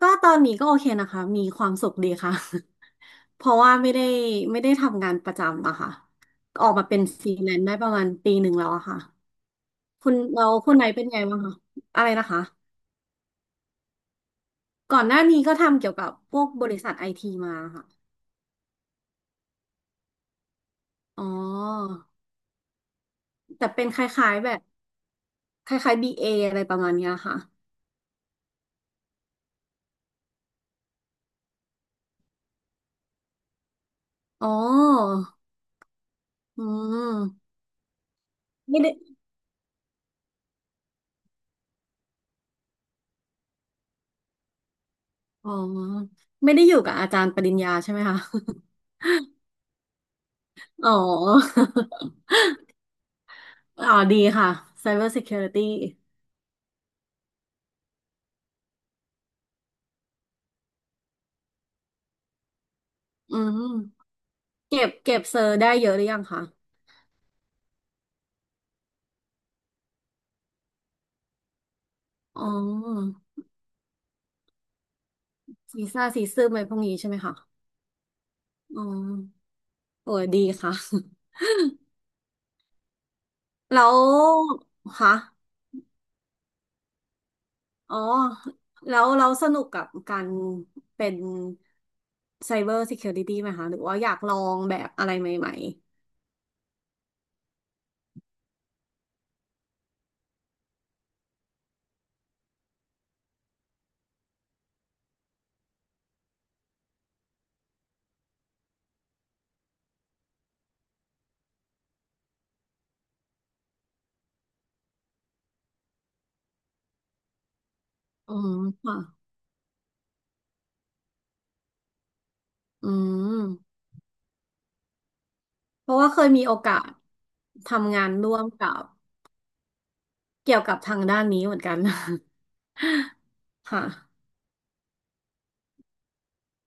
ก็ตอนนี้ก็โอเคนะคะ มีความสุขดีค่ะ เพราะว่าไม่ได้ทำงานประจำอะค่ะ ออกมาเป็นฟรีแลนซ์ได้ประมาณปีหนึ่งแล้วอะค่ะคุณเราคุณไหนเป็นไงบ้างคะอะไรนะคะ ก่อนหน้านี้ก็ทำเกี่ยวกับพวกบริษัทไอทีมาค่ะ อ๋อ แต่เป็นคล้ายๆแบบคล้ายๆ BA ออะไรประมาณเนี้ยค่ะ อ๋ออืมไม่ได้อ๋อ ไม่ได้อยู่กับอาจารย์ปริญญาใช่ไหมคะ อ๋อ อ๋อดีค่ะ Cyber Security อืมเก็บเซอร์ได้เยอะหรือยังคะอ๋อซีซ่าซีซึมอะไรพวกนี้ใช่ไหมคะอ๋อโอ้ยดีค่ะ แล้วคะอ๋อแล้วเราสนุกกับการเป็นไซเบอร์ซิเคียวริตี้ไหมคะหรือว่าอยากลองแบบอะไรใหม่ๆอืมค่ะอืมเพราะว่าเคยมีโอกาสทำงานร่วมกับเกี่ยวกับทางด้านนี้เหมือนกัน ค่ะ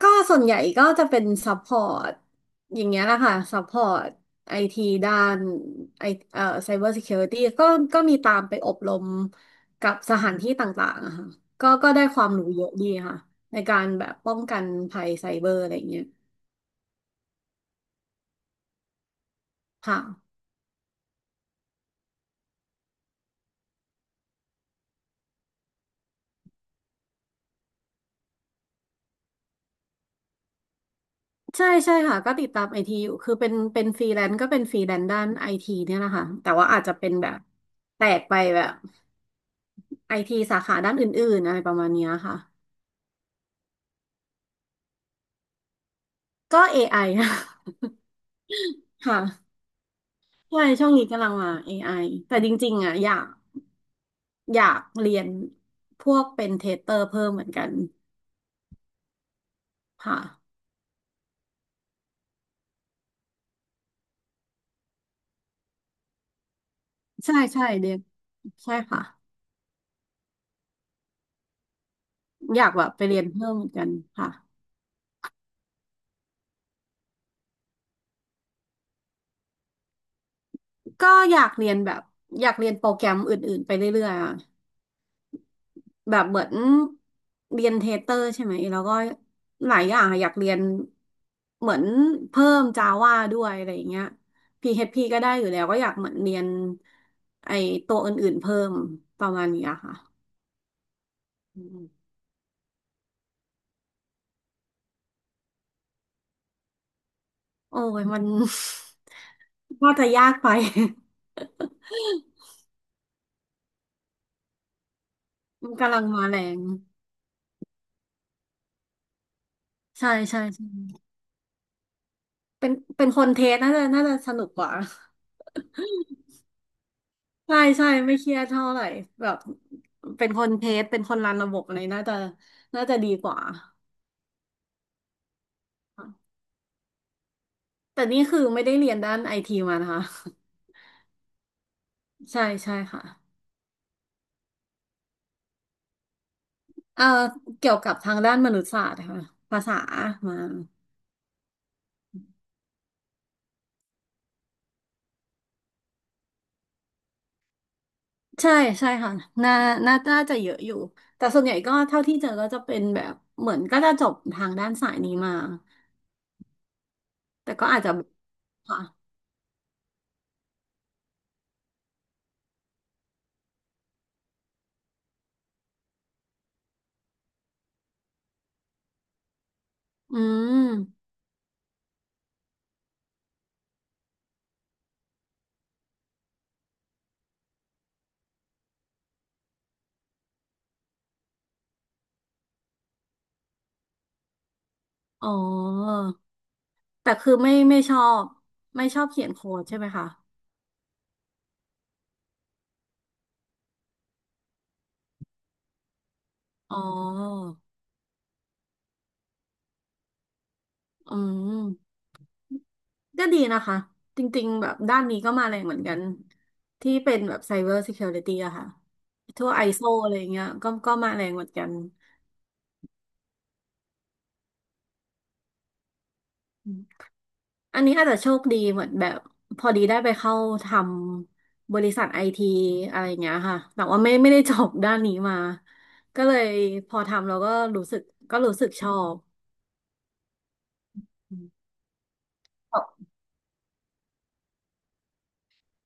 ก็ส่วนใหญ่ก็จะเป็นซัพพอร์ตอย่างเงี้ยแหละค่ะซัพพอร์ตไอทีด้านไอไซเบอร์ซิเคียวริตี้ก็มีตามไปอบรมกับสถานที่ต่างๆอะค่ะก็ได้ความรู้เยอะดีค่ะในการแบบป้องกันภัยไซเบอร์อะไรอย่างเงี้ยค่ะใช่ใช่ค่ะก็ติดตามไอทีอยู่คือเป็นฟรีแลนซ์ก็เป็นฟรีแลนซ์ด้านไอทีเนี่ยแหละค่ะแต่ว่าอาจจะเป็นแบบแตกไปแบบไอทีสาขาด้านอื่นๆอะไรประมาณเนี้ยค่ะก็เอไอค่ะ ใช่ช่วงนี้กำลังมา AI แต่จริงๆอ่ะอยากเรียนพวกเป็นเทสเตอร์เพิ่มเหมือนกันค่ะใช่ใช่เรียนใช่ค่ะอยากแบบไปเรียนเพิ่มเหมือนกันค่ะก็อยากเรียนแบบอยากเรียนโปรแกรมอื่นๆไปเรื่อยๆอ่ะแบบเหมือนเรียนเทสเตอร์ใช่ไหมแล้วก็หลายอย่างอะอยากเรียนเหมือนเพิ่มจาวาด้วยอะไรอย่างเงี้ย p h ีก็ได้อยู่แล้วก็อยากเหมือนเรียนไอตัวอื่นๆเพิ่มประมาณนี้อะค่ะ อืมโอ้ยมัน ว่าจะยากไป มันกำลังมาแรงใช่ใช่ใช่เป็นเป็นคนเทสน่าจะสนุกกว่าใช่ใช่ไม่เครียดเท่าไหร่แบบเป็นคนเทสเป็นคนรันระบบอะไรน่าจะดีกว่าแต่นี่คือไม่ได้เรียนด้านไอทีมานะคะ ใช่ใช่ค่ะเอ่อเกี่ยวกับทางด้านมนุษยศาสตร์ค่ะภาษามา ใช่ใช่ค่ะน่าน่าจะเยอะอยู่แต่ส่วนใหญ่ก็เท่าที่เจอก็จะเป็นแบบเหมือนก็จะจบทางด้านสายนี้มาแต่ก็อาจจะค่ะอืมอ๋อแต่คือไม่ชอบไม่ชอบเขียนโค้ดใช่ไหมคะอ๋ออืมก็ดีนะคะจริงๆแบบด้านนี้ก็มาแรงเหมือนกันที่เป็นแบบ Cyber Security อะค่ะทั่ว ISO อเอสโออะไรอย่างเงี้ยก็ก็มาแรงเหมือนกัน อันนี้อาจจะโชคดีเหมือนแบบพอดีได้ไปเข้าทำบริษัทไอทีอะไรอย่างเงี้ยค่ะแต่ว่าไม่ได้จบด้านนี้มาก็เลยพอทำแล้วก็รู้สึกก็รู้สึกชอบอืม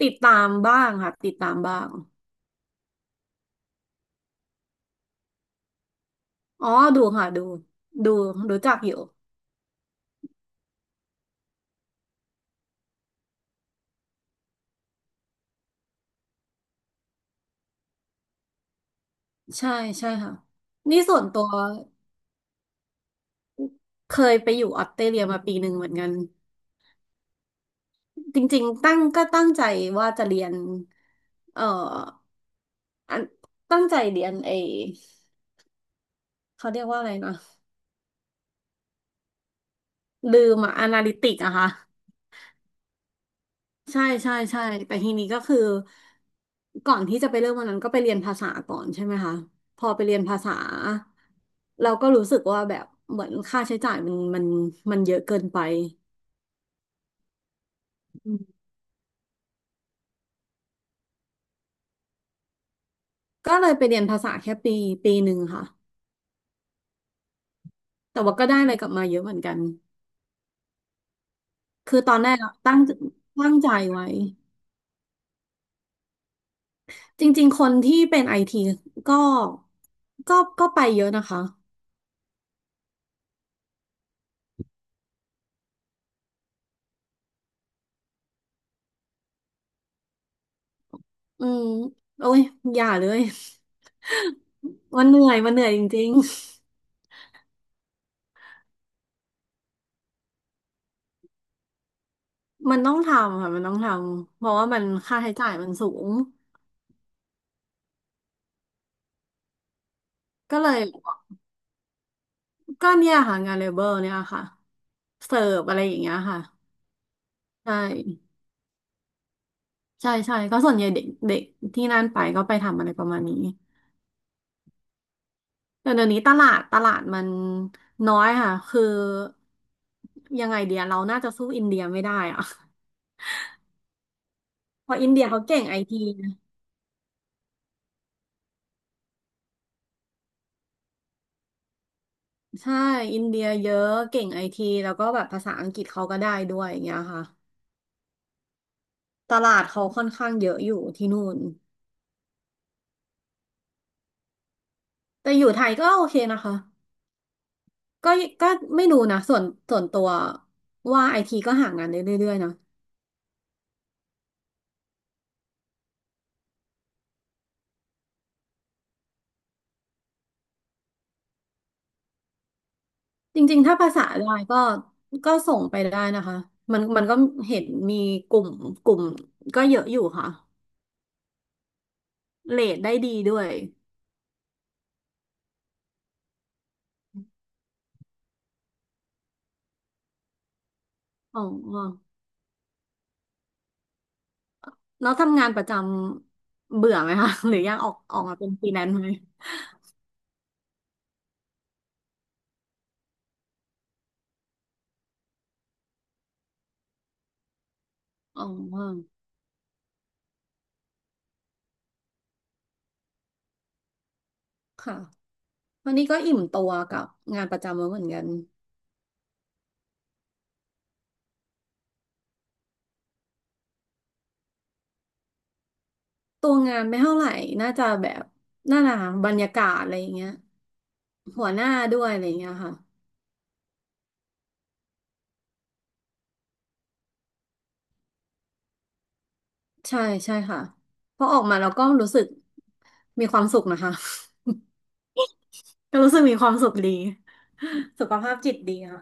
ติดตามบ้างค่ะติดตามบ้างอ๋อดูค่ะดูดูรู้จักอยู่ใช่ใช่ค่ะนี่ส่วนตัวเคยไปอยู่ออสเตรเลียมาปีหนึ่งเหมือนกันจริงๆตั้งใจว่าจะเรียนเอ่ออันตั้งใจเรียนไอเขาเรียกว่าอะไรนะ ลืมอะอนาลิติกอะค่ะใช่ใช่ใช่แต่ทีนี้ก็คือก่อนที่จะไปเริ่มวันนั้นก็ไปเรียนภาษาก่อนใช่ไหมคะพอไปเรียนภาษาเราก็รู้สึกว่าแบบเหมือนค่าใช้จ่ายมันมันเยอะเกินไปอืมก็เลยไปเรียนภาษาแค่ปีปีหนึ่งค่ะแต่ว่าก็ได้อะไรกลับมาเยอะเหมือนกันคือตอนแรกอะตั้งใจไว้จริงๆคนที่เป็นไอทีก็ก็ไปเยอะนะคะอืมโอ้ยอย่าเลย มันเหนื่อยมันเหนื่อยจริง ๆมันต้องทำค่ะมันต้องทำเพราะว่ามันค่าใช้จ่ายมันสูงก็เลยก็เนี่ยค่ะงานเลเบอร์เนี่ยค่ะเสิร์ฟอะไรอย่างเงี้ยค่ะใช่ใช่ใช่ก็ส่วนใหญ่เด็กเด็กที่นั่นไปก็ไปทำอะไรประมาณนี้แต่เดี๋ยวนี้ตลาดมันน้อยค่ะคือยังไงเดียเราน่าจะสู้อินเดียไม่ได้อะ เพราะอินเดียเขาเก่งไอทีใช่อินเดียเยอะเก่งไอทีแล้วก็แบบภาษาอังกฤษเขาก็ได้ด้วยอย่างเงี้ยค่ะ ตลาดเขาค่อนข้างเยอะอยู่ที่นู่นแต่อยู่ไทยก็โอเคนะคะ ก็ก็ไม่รู้นะส่วนตัวว่าไอทีก็หางานได้เรื่อยๆนะจริงๆถ้าภาษาได้ก็ก็ส่งไปได้นะคะ มันก็เห็นมีกลุ่มกลุ่มก็เยอะอยู่ค่ะเรทได้ดีด้วยอ๋อแล้วทำงานประจำเบื่อไหมคะ หรืออยากออกมาเป็นฟรีแลนซ์ไหม อ๋อค่ะ วันนี้ก็อิ่มตัวกับงานประจำแล้วเหมือนกัน ตัวงานไม่เท่าไหร่น่าจะแบบน่าหนาบรรยากาศอะไรอย่างเงี้ยหัวหน้าด้วยอะไรอย่างเงี้ยค่ะใช่ใช่ค่ะเพราะออกมาแล้วก็รู้สึกมีความสุขนะคะ ก็รู้สึกมีความสุขดีสุขภาพจิตดีค่ะ